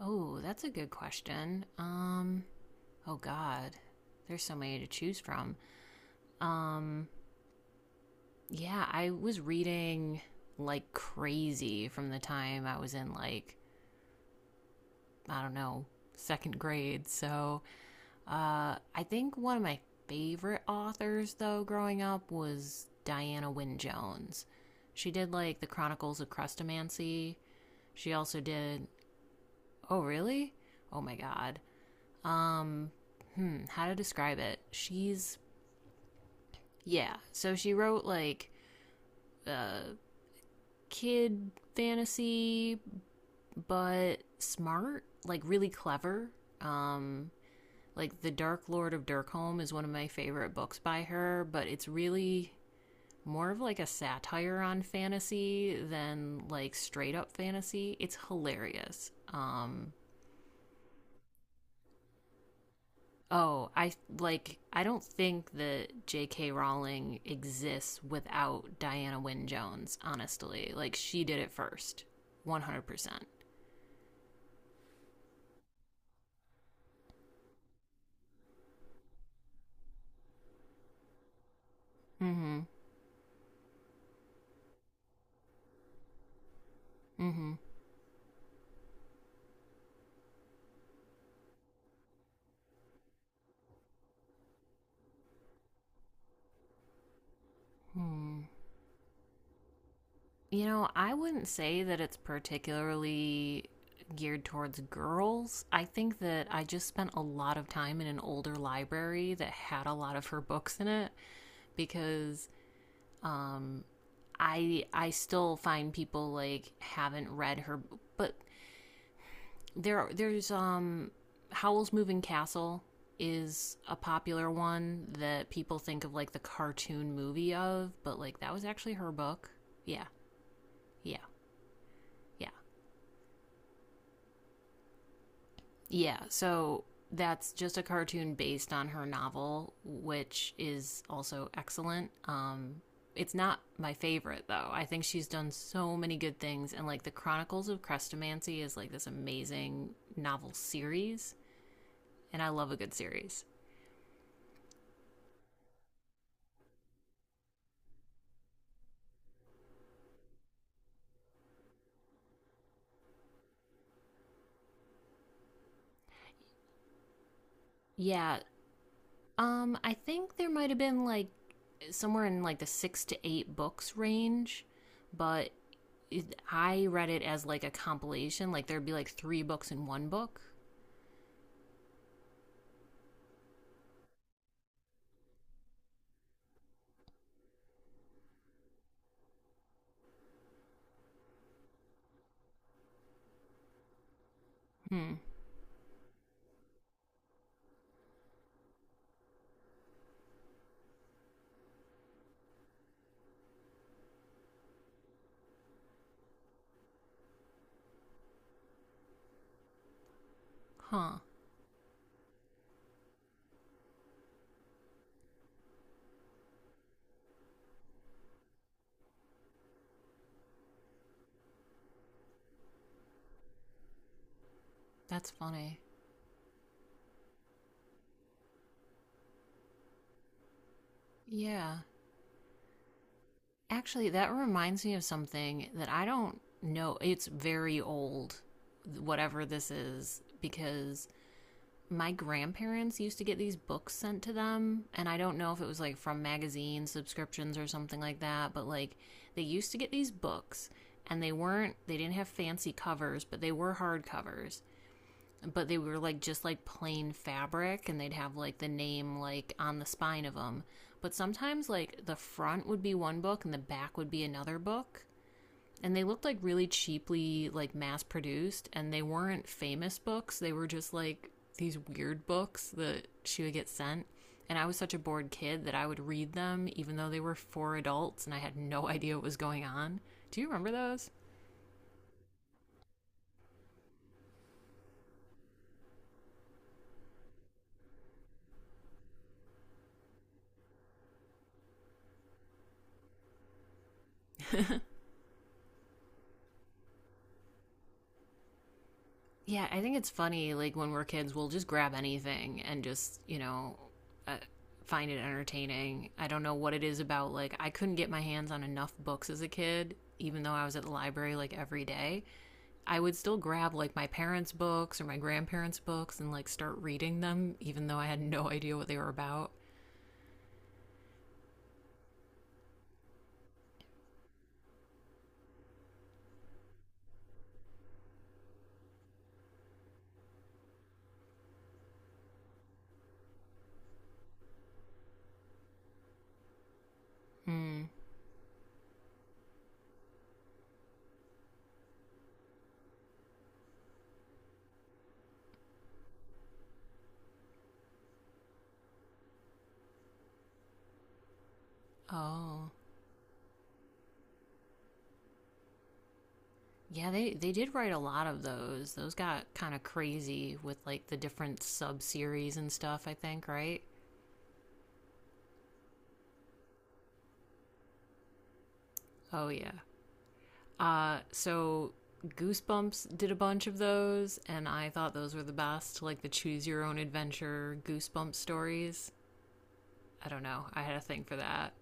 Oh, that's a good question. Oh God, there's so many to choose from. Um, yeah, I was reading like crazy from the time I was in, like, I don't know, second grade. So I think one of my favorite authors though growing up was Diana Wynne Jones. She did like the Chronicles of Crustomancy. She also did. Oh really? Oh my God. Um, how to describe it? She's Yeah. So she wrote like kid fantasy, but smart, like really clever. Um, like, The Dark Lord of Dirkholm is one of my favorite books by her, but it's really more of like a satire on fantasy than like straight up fantasy. It's hilarious. Oh, I like, I don't think that J.K. Rowling exists without Diana Wynne Jones. Honestly, like she did it first, 100%. Mm-hmm. Mm-hmm. Hmm. You know, I wouldn't say that it's particularly geared towards girls. I think that I just spent a lot of time in an older library that had a lot of her books in it, because mm, I still find people like haven't read her. But there's Howl's Moving Castle is a popular one that people think of, like, the cartoon movie of, but like that was actually her book. Yeah, yeah, yeah, yeah. So that's just a cartoon based on her novel, which is also excellent. It's not my favorite though. I think she's done so many good things, and like the Chronicles of Crestomancy is like this amazing novel series, and I love a good series. Yeah, I think there might have been, like, somewhere in like the six to eight books range, but I read it as like a compilation. Like, there'd be like three books in one book. Hmm. Huh. That's funny. Yeah. Actually, that reminds me of something that I don't know. It's very old, whatever this is, because my grandparents used to get these books sent to them, and I don't know if it was like from magazine subscriptions or something like that, but like they used to get these books. And they didn't have fancy covers, but they were hard covers, but they were like just like plain fabric, and they'd have like the name, like, on the spine of them. But sometimes like the front would be one book and the back would be another book, and they looked like really cheaply, like, mass produced, and they weren't famous books. They were just like these weird books that she would get sent. And I was such a bored kid that I would read them even though they were for adults and I had no idea what was going on. Do you remember those? Yeah, I think it's funny, like, when we're kids we'll just grab anything and just, uh, find it entertaining. I don't know what it is about, like, I couldn't get my hands on enough books as a kid, even though I was at the library like every day. I would still grab like my parents' books or my grandparents' books and like start reading them, even though I had no idea what they were about. Hmm. Oh. Yeah, they did write a lot of those. Those got kind of crazy with like the different sub series and stuff, I think, right? Oh, yeah. So Goosebumps did a bunch of those, and I thought those were the best, like the choose your own adventure Goosebumps stories. I don't know. I had a thing for that.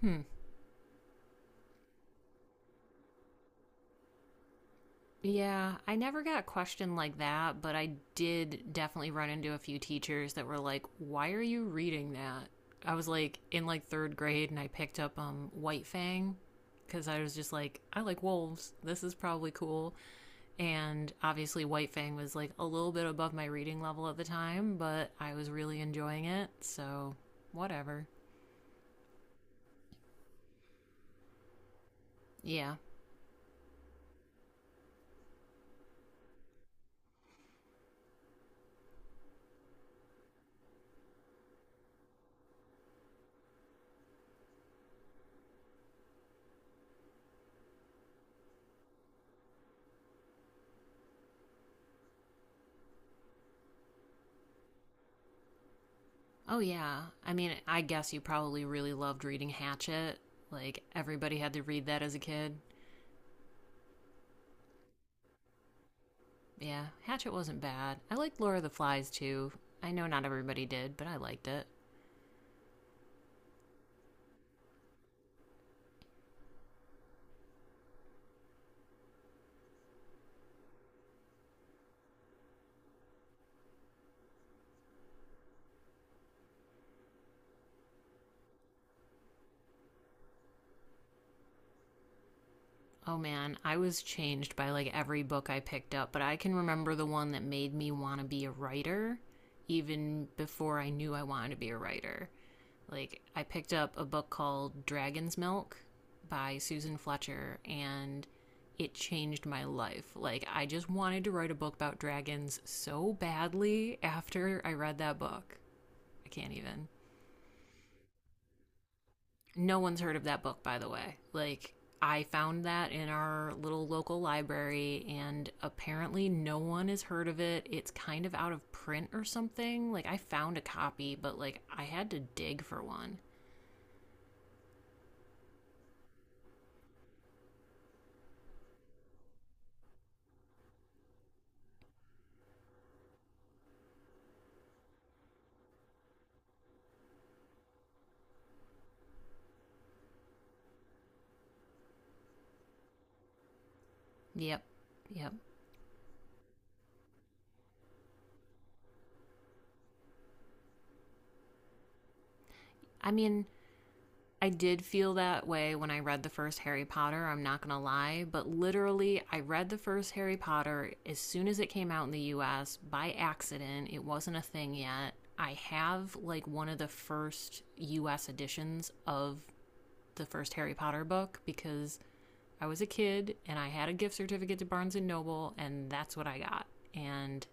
Hmm. Yeah, I never got a question like that, but I did definitely run into a few teachers that were like, "Why are you reading that?" I was like in, like, 3rd grade, and I picked up White Fang, cuz I was just like, "I like wolves. This is probably cool." And obviously White Fang was like a little bit above my reading level at the time, but I was really enjoying it, so whatever. Yeah. Oh yeah. I mean, I guess you probably really loved reading Hatchet. Like, everybody had to read that as a kid. Yeah, Hatchet wasn't bad. I liked Laura the Flies too. I know not everybody did, but I liked it. Oh man, I was changed by like every book I picked up, but I can remember the one that made me want to be a writer even before I knew I wanted to be a writer. Like, I picked up a book called Dragon's Milk by Susan Fletcher, and it changed my life. Like, I just wanted to write a book about dragons so badly after I read that book. I can't even. No one's heard of that book, by the way. Like, I found that in our little local library, and apparently no one has heard of it. It's kind of out of print or something. Like, I found a copy, but like, I had to dig for one. Yep. Yep. I mean, I did feel that way when I read the first Harry Potter, I'm not going to lie, but literally, I read the first Harry Potter as soon as it came out in the US, by accident. It wasn't a thing yet. I have like one of the first US editions of the first Harry Potter book, because I was a kid and I had a gift certificate to Barnes & Noble, and that's what I got. And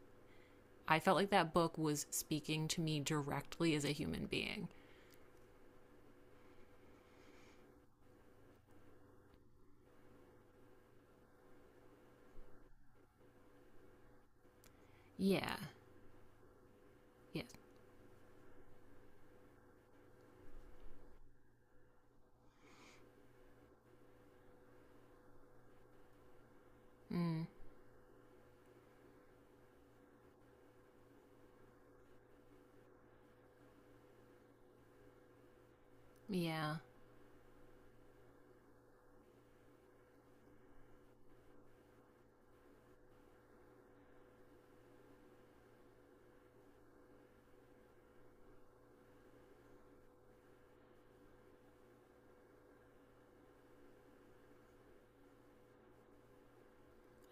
I felt like that book was speaking to me directly as a human being. Yeah. Yes. Mm, yeah.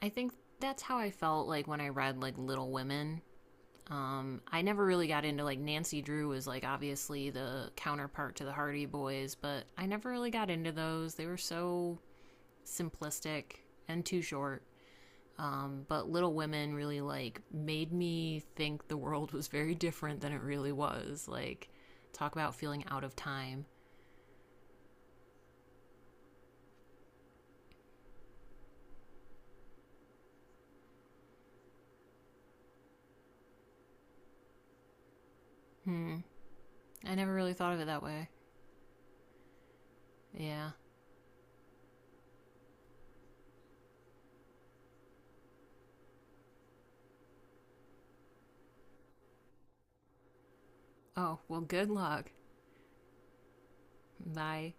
I think that's how I felt like when I read like Little Women. I never really got into, like, Nancy Drew was like obviously the counterpart to the Hardy Boys, but I never really got into those. They were so simplistic and too short. But Little Women really like made me think the world was very different than it really was. Like, talk about feeling out of time. Hmm. I never really thought of it that way. Yeah. Oh well. Good luck. Bye.